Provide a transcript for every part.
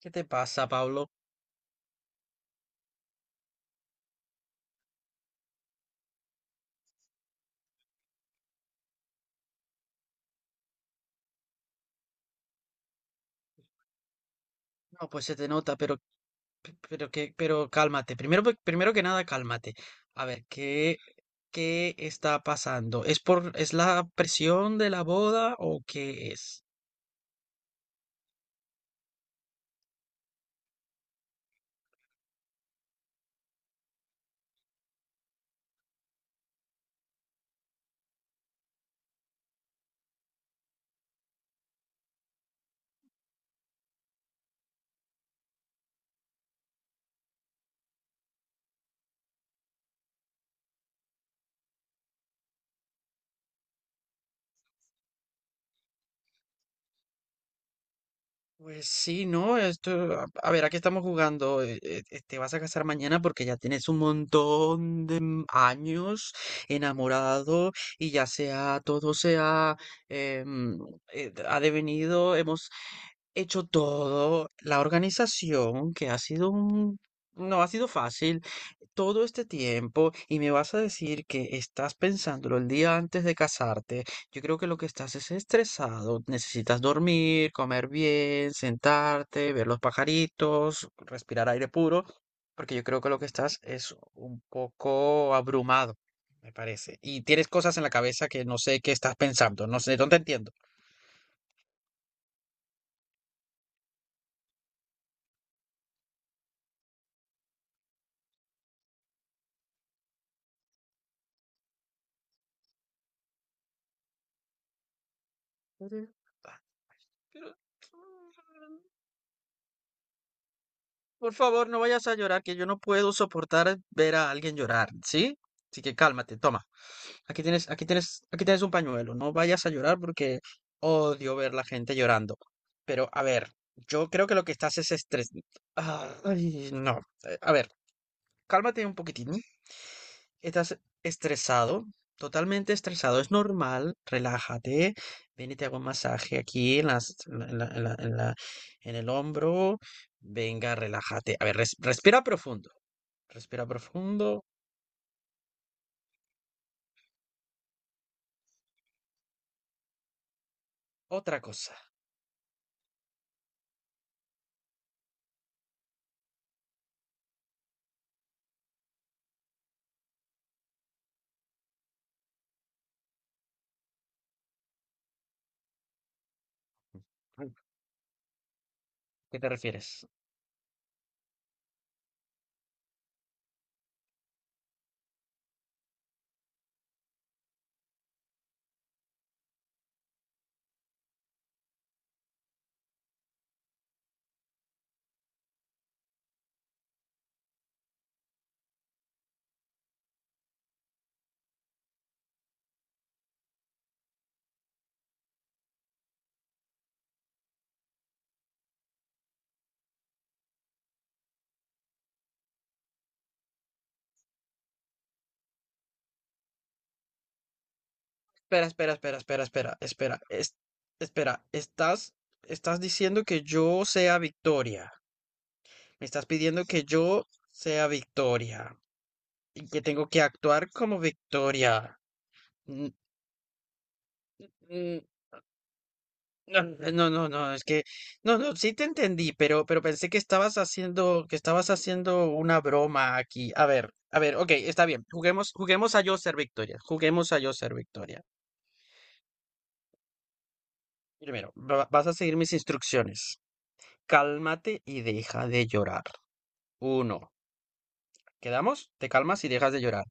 ¿Qué te pasa, Pablo? No, pues se te nota, pero, pero que, pero cálmate. Primero, primero que nada, cálmate. A ver, ¿qué está pasando? ¿Es por, es la presión de la boda o qué es? Pues sí, no, esto, a ver, aquí estamos jugando. Te vas a casar mañana porque ya tienes un montón de años enamorado y ya sea, todo se ha, em, ha devenido, hemos hecho todo, la organización, que ha sido un... No ha sido fácil todo este tiempo y me vas a decir que estás pensándolo el día antes de casarte. Yo creo que lo que estás es estresado. Necesitas dormir, comer bien, sentarte, ver los pajaritos, respirar aire puro, porque yo creo que lo que estás es un poco abrumado, me parece. Y tienes cosas en la cabeza que no sé qué estás pensando, no sé, no te entiendo. Ujú. Pero, mm, por favor, no vayas a llorar, que yo no puedo soportar ver a alguien llorar, ¿sí? Así que cálmate, toma. Aquí tienes, aquí tienes un pañuelo. No vayas a llorar porque odio ver la gente llorando. Pero, a ver, yo creo que lo que estás es estrés. Ay, no. A ver, cálmate un poquitín. Estás estresado, totalmente estresado. Es normal, relájate. Ven y te hago un masaje aquí en las, en el hombro. Venga, relájate. A ver, respira profundo. Respira profundo. Otra cosa. ¿Qué te refieres? Espera. Espera, estás diciendo que yo sea Victoria. Me estás pidiendo que yo sea Victoria y que tengo que actuar como Victoria. Mm, mm, No, no, es que, no, sí te entendí, pero pensé que estabas haciendo una broma aquí. A ver, ok, está bien. Juguemos a yo ser Victoria. Juguemos a yo ser Victoria. Primero, vas a seguir mis instrucciones. Cálmate y deja de llorar. Uno, ¿quedamos? Te calmas y dejas de llorar.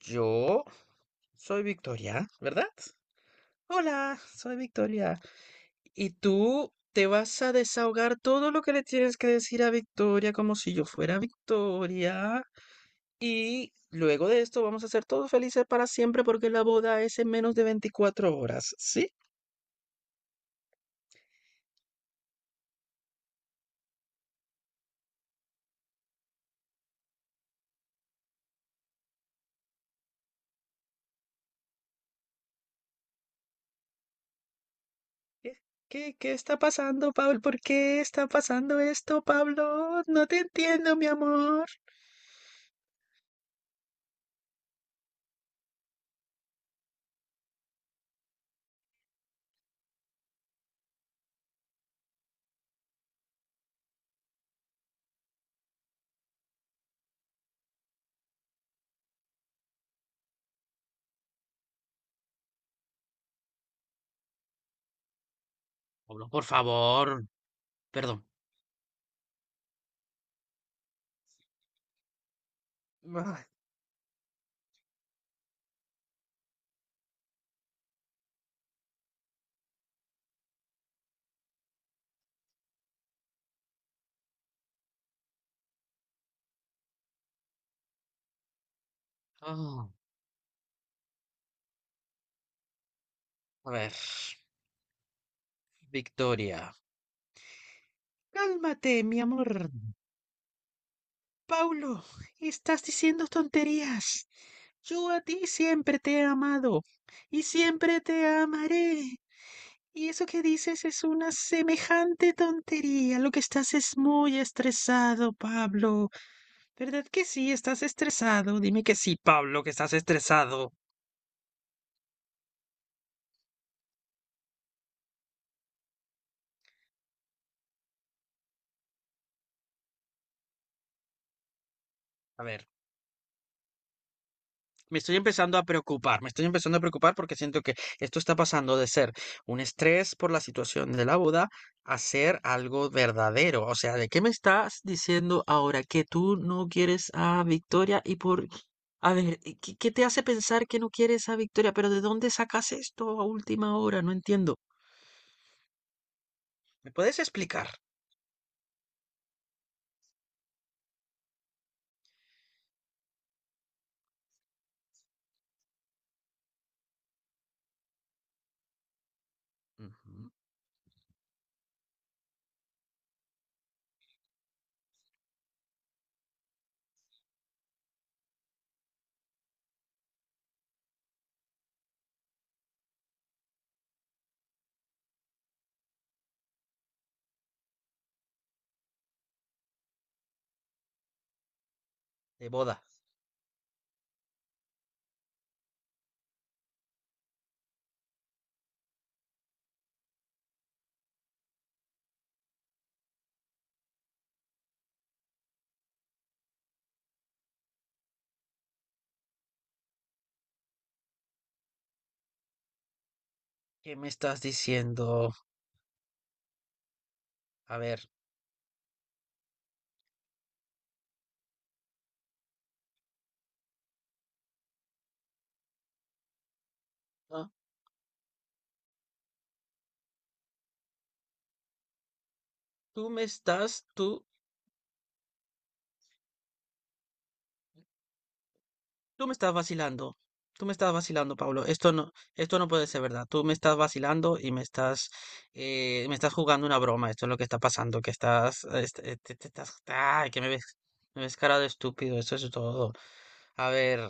Yo soy Victoria, ¿verdad? Hola, soy Victoria. Y tú te vas a desahogar todo lo que le tienes que decir a Victoria como si yo fuera Victoria. Y luego de esto vamos a ser todos felices para siempre porque la boda es en menos de 24 horas, ¿sí? ¿Qué, ¿qué está pasando, Pablo? ¿Por qué está pasando esto, Pablo? No te entiendo, mi amor. Pablo, por favor. Perdón. Ay, ah, a ver. Victoria. Cálmate, mi amor. Paulo, estás diciendo tonterías. Yo a ti siempre te he amado y siempre te amaré. Y eso que dices es una semejante tontería. Lo que estás es muy estresado, Pablo. ¿Verdad que sí? ¿Estás estresado? Dime que sí, Pablo, que estás estresado. A ver. Me estoy empezando a preocupar porque siento que esto está pasando de ser un estrés por la situación de la boda a ser algo verdadero. O sea, ¿de qué me estás diciendo ahora? ¿Que tú no quieres a Victoria? ¿Y por... A ver, ¿qué te hace pensar que no quieres a Victoria? ¿Pero de dónde sacas esto a última hora? No entiendo. ¿Me puedes explicar? Ujú. De boda. ¿Qué me estás diciendo? A ver, ah, tú me estás, tú tú me estás vacilando. Tú me estás vacilando, Pablo. Esto no puede ser verdad. Tú me estás vacilando y me estás jugando una broma. Esto es lo que está pasando, que estás, te estás, ay, que me ves cara de estúpido. Eso es todo. A ver,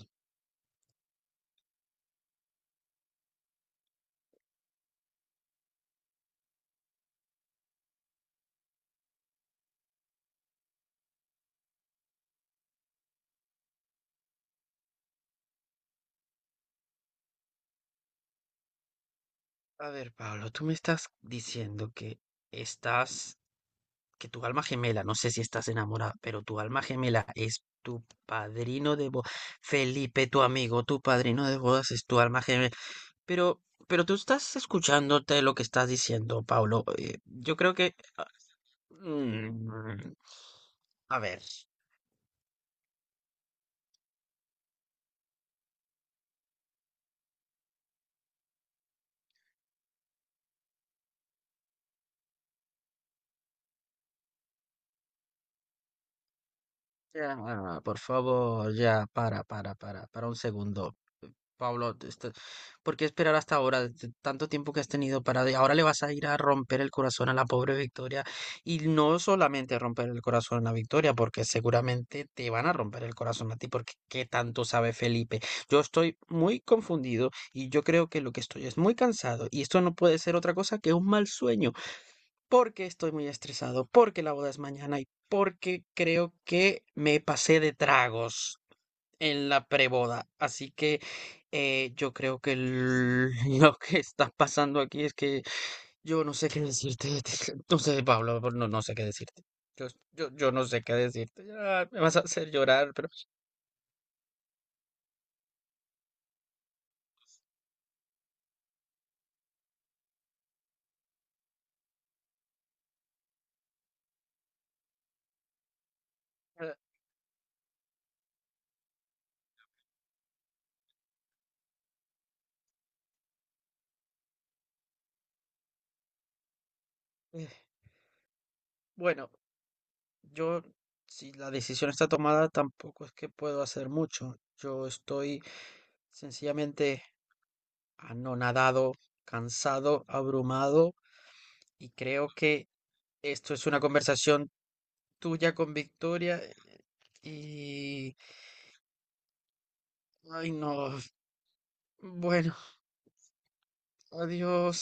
a ver, Pablo, tú me estás diciendo que estás, que tu alma gemela, no sé si estás enamorada, pero tu alma gemela es tu padrino de bodas. Felipe, tu amigo, tu padrino de bodas es tu alma gemela. Pero, pero tú estás escuchándote lo que estás diciendo, Paulo. Yo creo que... mm, a ver. Ya, ah, por favor, ya, para un segundo. Pablo, ¿por qué esperar hasta ahora? Tanto tiempo que has tenido para... Ahora le vas a ir a romper el corazón a la pobre Victoria. Y no solamente romper el corazón a la Victoria, porque seguramente te van a romper el corazón a ti, porque ¿qué tanto sabe Felipe? Yo estoy muy confundido y yo creo que lo que estoy es muy cansado y esto no puede ser otra cosa que un mal sueño, porque estoy muy estresado, porque la boda es mañana y porque creo que me pasé de tragos en la preboda. Así que yo creo que lo que está pasando aquí es que yo no sé qué decirte. No sé, Pablo, no, no sé qué decirte. Yo no sé qué decirte. Ah, me vas a hacer llorar, pero ah, eh, bueno, yo, si la decisión está tomada, tampoco es que puedo hacer mucho. Yo estoy sencillamente anonadado, cansado, abrumado y creo que esto es una conversación tú ya con victoria y... Ay, no. Bueno, adiós.